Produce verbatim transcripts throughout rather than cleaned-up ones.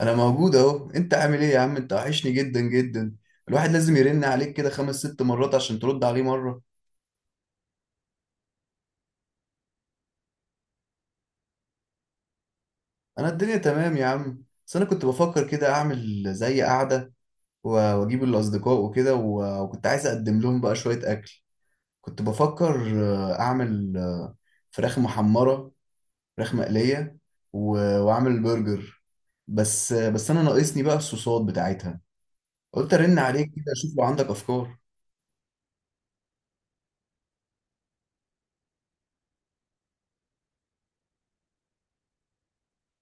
انا موجود اهو. انت عامل ايه يا عم؟ انت وحشني جدا جدا. الواحد لازم يرن عليك كده خمس ست مرات عشان ترد عليه مرة. انا الدنيا تمام يا عم، بس انا كنت بفكر كده اعمل زي قعدة و- واجيب الاصدقاء وكده و- وكنت عايز اقدم لهم بقى شوية اكل. كنت بفكر آه، اعمل آه، فراخ محمرة، فراخ مقلية، و- واعمل برجر. بس آه، بس انا ناقصني بقى الصوصات بتاعتها. قلت ارن عليك كده اشوف لو عندك افكار.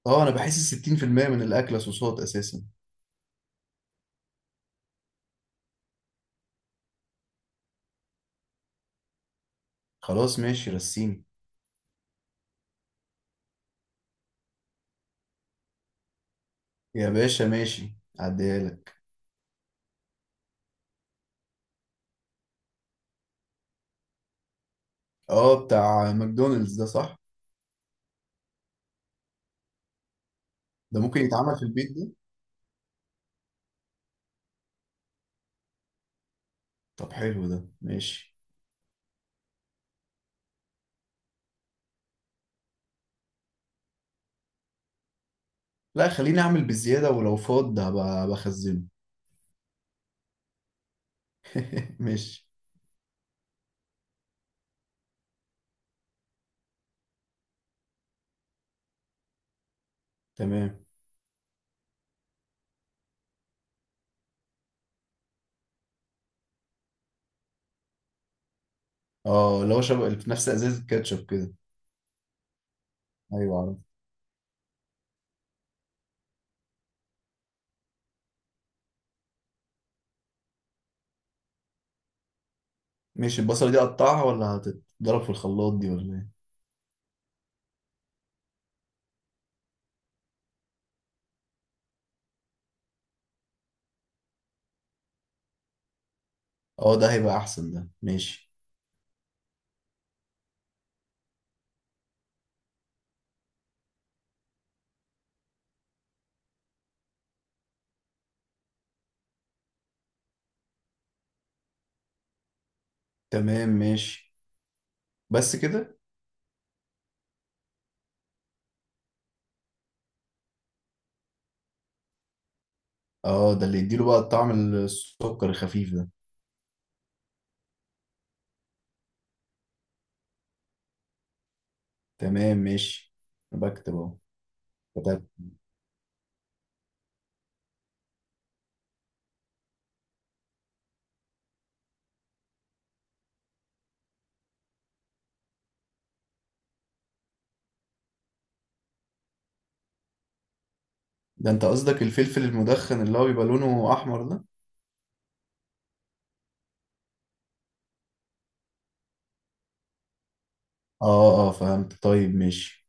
اه، انا بحس ستين في المية من الاكلة صوصات اساسا. خلاص ماشي، رسيني. يا باشا ماشي، عديها لك. اه، بتاع ماكدونالدز ده صح؟ ده ممكن يتعمل في البيت ده؟ طب حلو، ده ماشي. لا، خليني اعمل بالزيادة، ولو فاض هبقى بخزنه. ماشي، تمام. اه، اللي هو شبه اللي في نفس ازازة كاتشب كده. ايوه، عارف. ماشي، البصلة دي اقطعها ولا هتتضرب في الخلاط دي ولا ايه؟ اه، ده هيبقى احسن. ده ماشي. تمام، ماشي. بس كده. اه، ده اللي يديله بقى الطعم، السكر الخفيف ده. تمام، ماشي. بكتب اهو. ده انت قصدك الفلفل المدخن اللي هو بيبقى لونه احمر ده؟ اه اه، فهمت. طيب ماشي.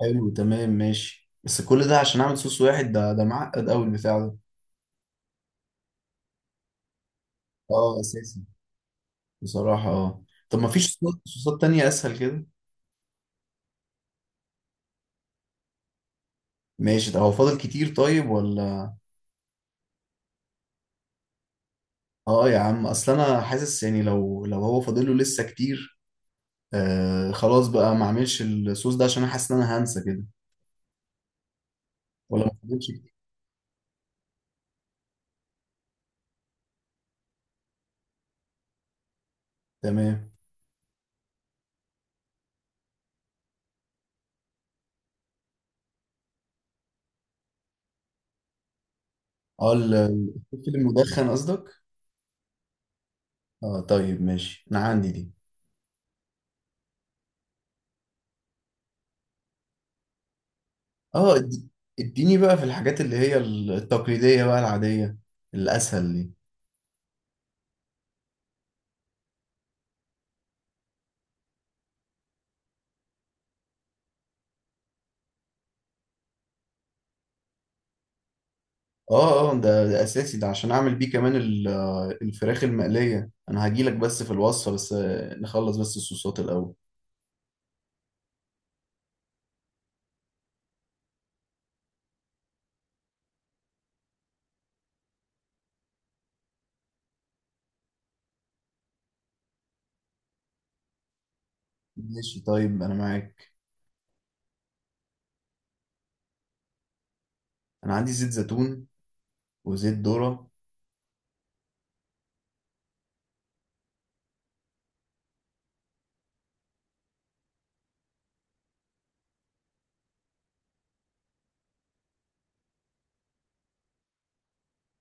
حلو، تمام ماشي. بس كل ده عشان اعمل صوص واحد؟ ده ده معقد قوي البتاع ده. اه، اساسي. بصراحة اه. طب ما فيش صوصات صوصات تانية اسهل كده؟ ماشي. طب هو فاضل كتير طيب ولا؟ اه، يا عم اصل انا حاسس يعني لو لو هو فاضله لسه كتير. آه خلاص بقى، ما اعملش الصوص ده، عشان انا حاسس ان انا هنسى كده. ولا ما فاضلش كتير؟ تمام. اه، ال- الفلفل المدخن قصدك؟ اه، طيب ماشي، انا عندي دي. اه اد- اديني بقى في الحاجات اللي هي التقليدية، بقى العادية الأسهل دي. اه اه، ده, ده أساسي، ده عشان أعمل بيه كمان ال- آه، الفراخ المقلية. أنا هجيلك بس في الوصفة، بس آه، نخلص بس الصوصات الأول. ماشي طيب، أنا معاك. أنا عندي زيت زيتون وزيت ذرة.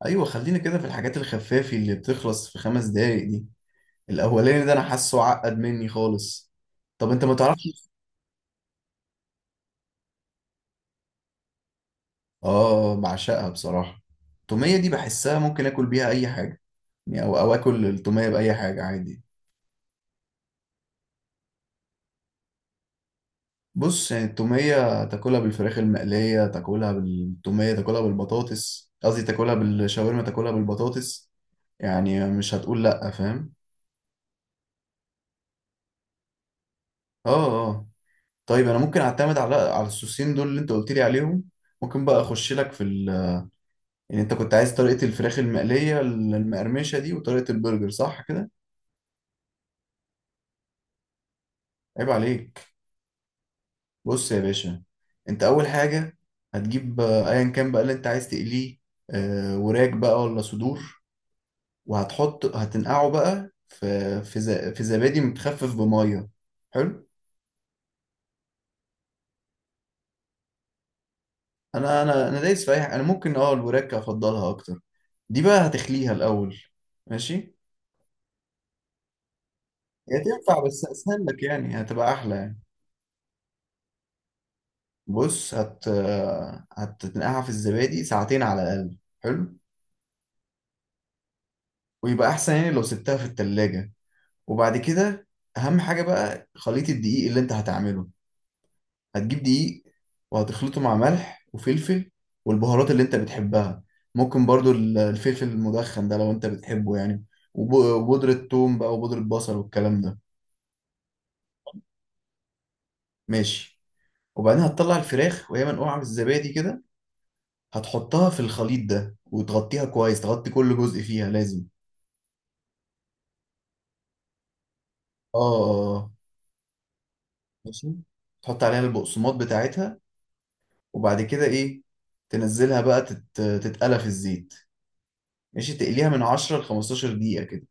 أيوة، خلينا كده في الحاجات الخفافي اللي بتخلص في خمس دقايق دي. الأولاني ده أنا حاسه عقد مني خالص. طب أنت ما تعرفش. اه، بعشقها بصراحة. التومية دي بحسها ممكن اكل بيها اي حاجة، يعني او او اكل التومية باي حاجة عادي. بص يعني، التومية تاكلها بالفراخ المقلية، تاكلها بالتومية، تاكلها بالبطاطس، قصدي تاكلها بالشاورما، تاكلها بالبطاطس. يعني مش هتقول لأ، فاهم. اه اه. طيب انا ممكن اعتمد على على الصوصين دول اللي انت قلت لي عليهم. ممكن بقى اخش لك في ال... يعني انت كنت عايز طريقة الفراخ المقلية المقرمشة دي وطريقة البرجر، صح كده؟ عيب عليك. بص يا باشا، انت اول حاجه هتجيب آه، ايا كان بقى اللي انت عايز تقليه، آه، وراك بقى ولا صدور، وهتحط هتنقعه بقى في في ز- في زبادي متخفف بميه. حلو. انا انا انا دايس في اي حاجه، انا ممكن اه الوراك افضلها اكتر. دي بقى هتخليها الاول. ماشي، هي تنفع بس اسهل لك، يعني هتبقى احلى يعني. بص هت آه، هتنقعها في الزبادي ساعتين على الاقل. حلو. ويبقى احسن يعني لو سبتها في التلاجة. وبعد كده، اهم حاجه بقى خليط الدقيق اللي انت هتعمله. هتجيب دقيق وهتخلطه مع ملح وفلفل والبهارات اللي انت بتحبها. ممكن برضو ال- الفلفل المدخن ده لو انت بتحبه يعني. وب- وبودرة توم بقى وبودرة بصل والكلام ده. ماشي. وبعدين هتطلع الفراخ وهي منقوعة بالزبادي كده، هتحطها في الخليط ده وتغطيها كويس، تغطي كل جزء فيها لازم. اه اه آه. ماشي. تحط عليها البقسماط بتاعتها، وبعد كده ايه، تنزلها بقى تت... تتقلى في الزيت. ماشي، تقليها من عشرة ل خمسة عشر دقيقة كده.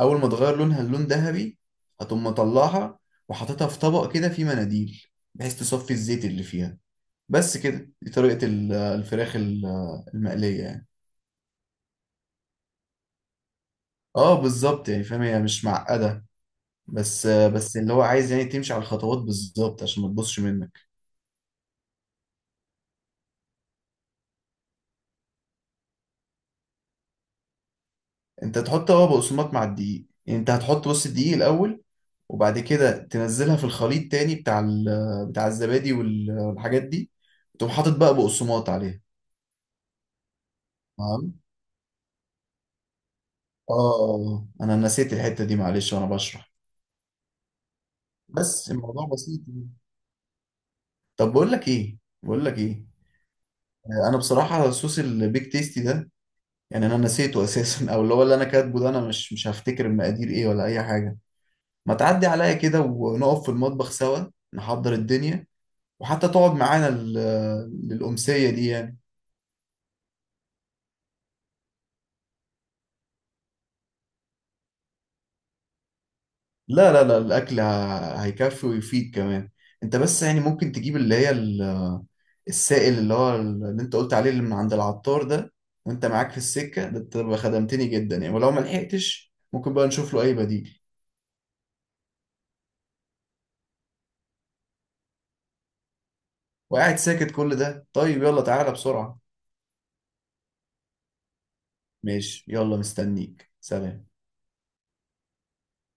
أول ما تغير لونها للون ذهبي هتقوم مطلعها وحاططها في طبق كده فيه مناديل، بحيث تصفي الزيت اللي فيها. بس كده دي طريقة ال- الفراخ ال- المقلية يعني. اه بالظبط، يعني فاهم، هي مش معقدة. بس بس اللي هو عايز يعني تمشي على الخطوات بالظبط عشان ما تبصش منك. انت تحط هو بقسماط مع الدقيق. يعني انت هتحط بص الدقيق الأول، وبعد كده تنزلها في الخليط تاني بتاع ال- بتاع الزبادي وال- والحاجات دي، تقوم حاطط بقى بقسماط عليها. نعم. اه آه. انا نسيت الحتة دي معلش وانا بشرح. بس الموضوع بسيط يعني. طب بقول لك ايه، بقول لك ايه. آه، انا بصراحة صوص البيك تيستي ده، يعني انا نسيته اساسا. او اللي هو اللي انا كاتبه ده، انا مش مش هفتكر المقادير ايه ولا اي حاجة. ما تعدي عليا كده ونقف في المطبخ سوا، نحضر الدنيا، وحتى تقعد معانا لل- للأمسية دي يعني. لا لا لا، الاكل ه- هيكفي ويفيد كمان. انت بس يعني ممكن تجيب اللي هي السائل اللي هو اللي انت قلت عليه اللي من عند العطار ده، وانت معاك في السكة ده تبقى خدمتني جدا يعني، ولو ما لحقتش ممكن بقى نشوف له اي بديل. وقاعد ساكت كل ده؟ طيب يلا تعالى بسرعة. ماشي يلا، مستنيك، سلام.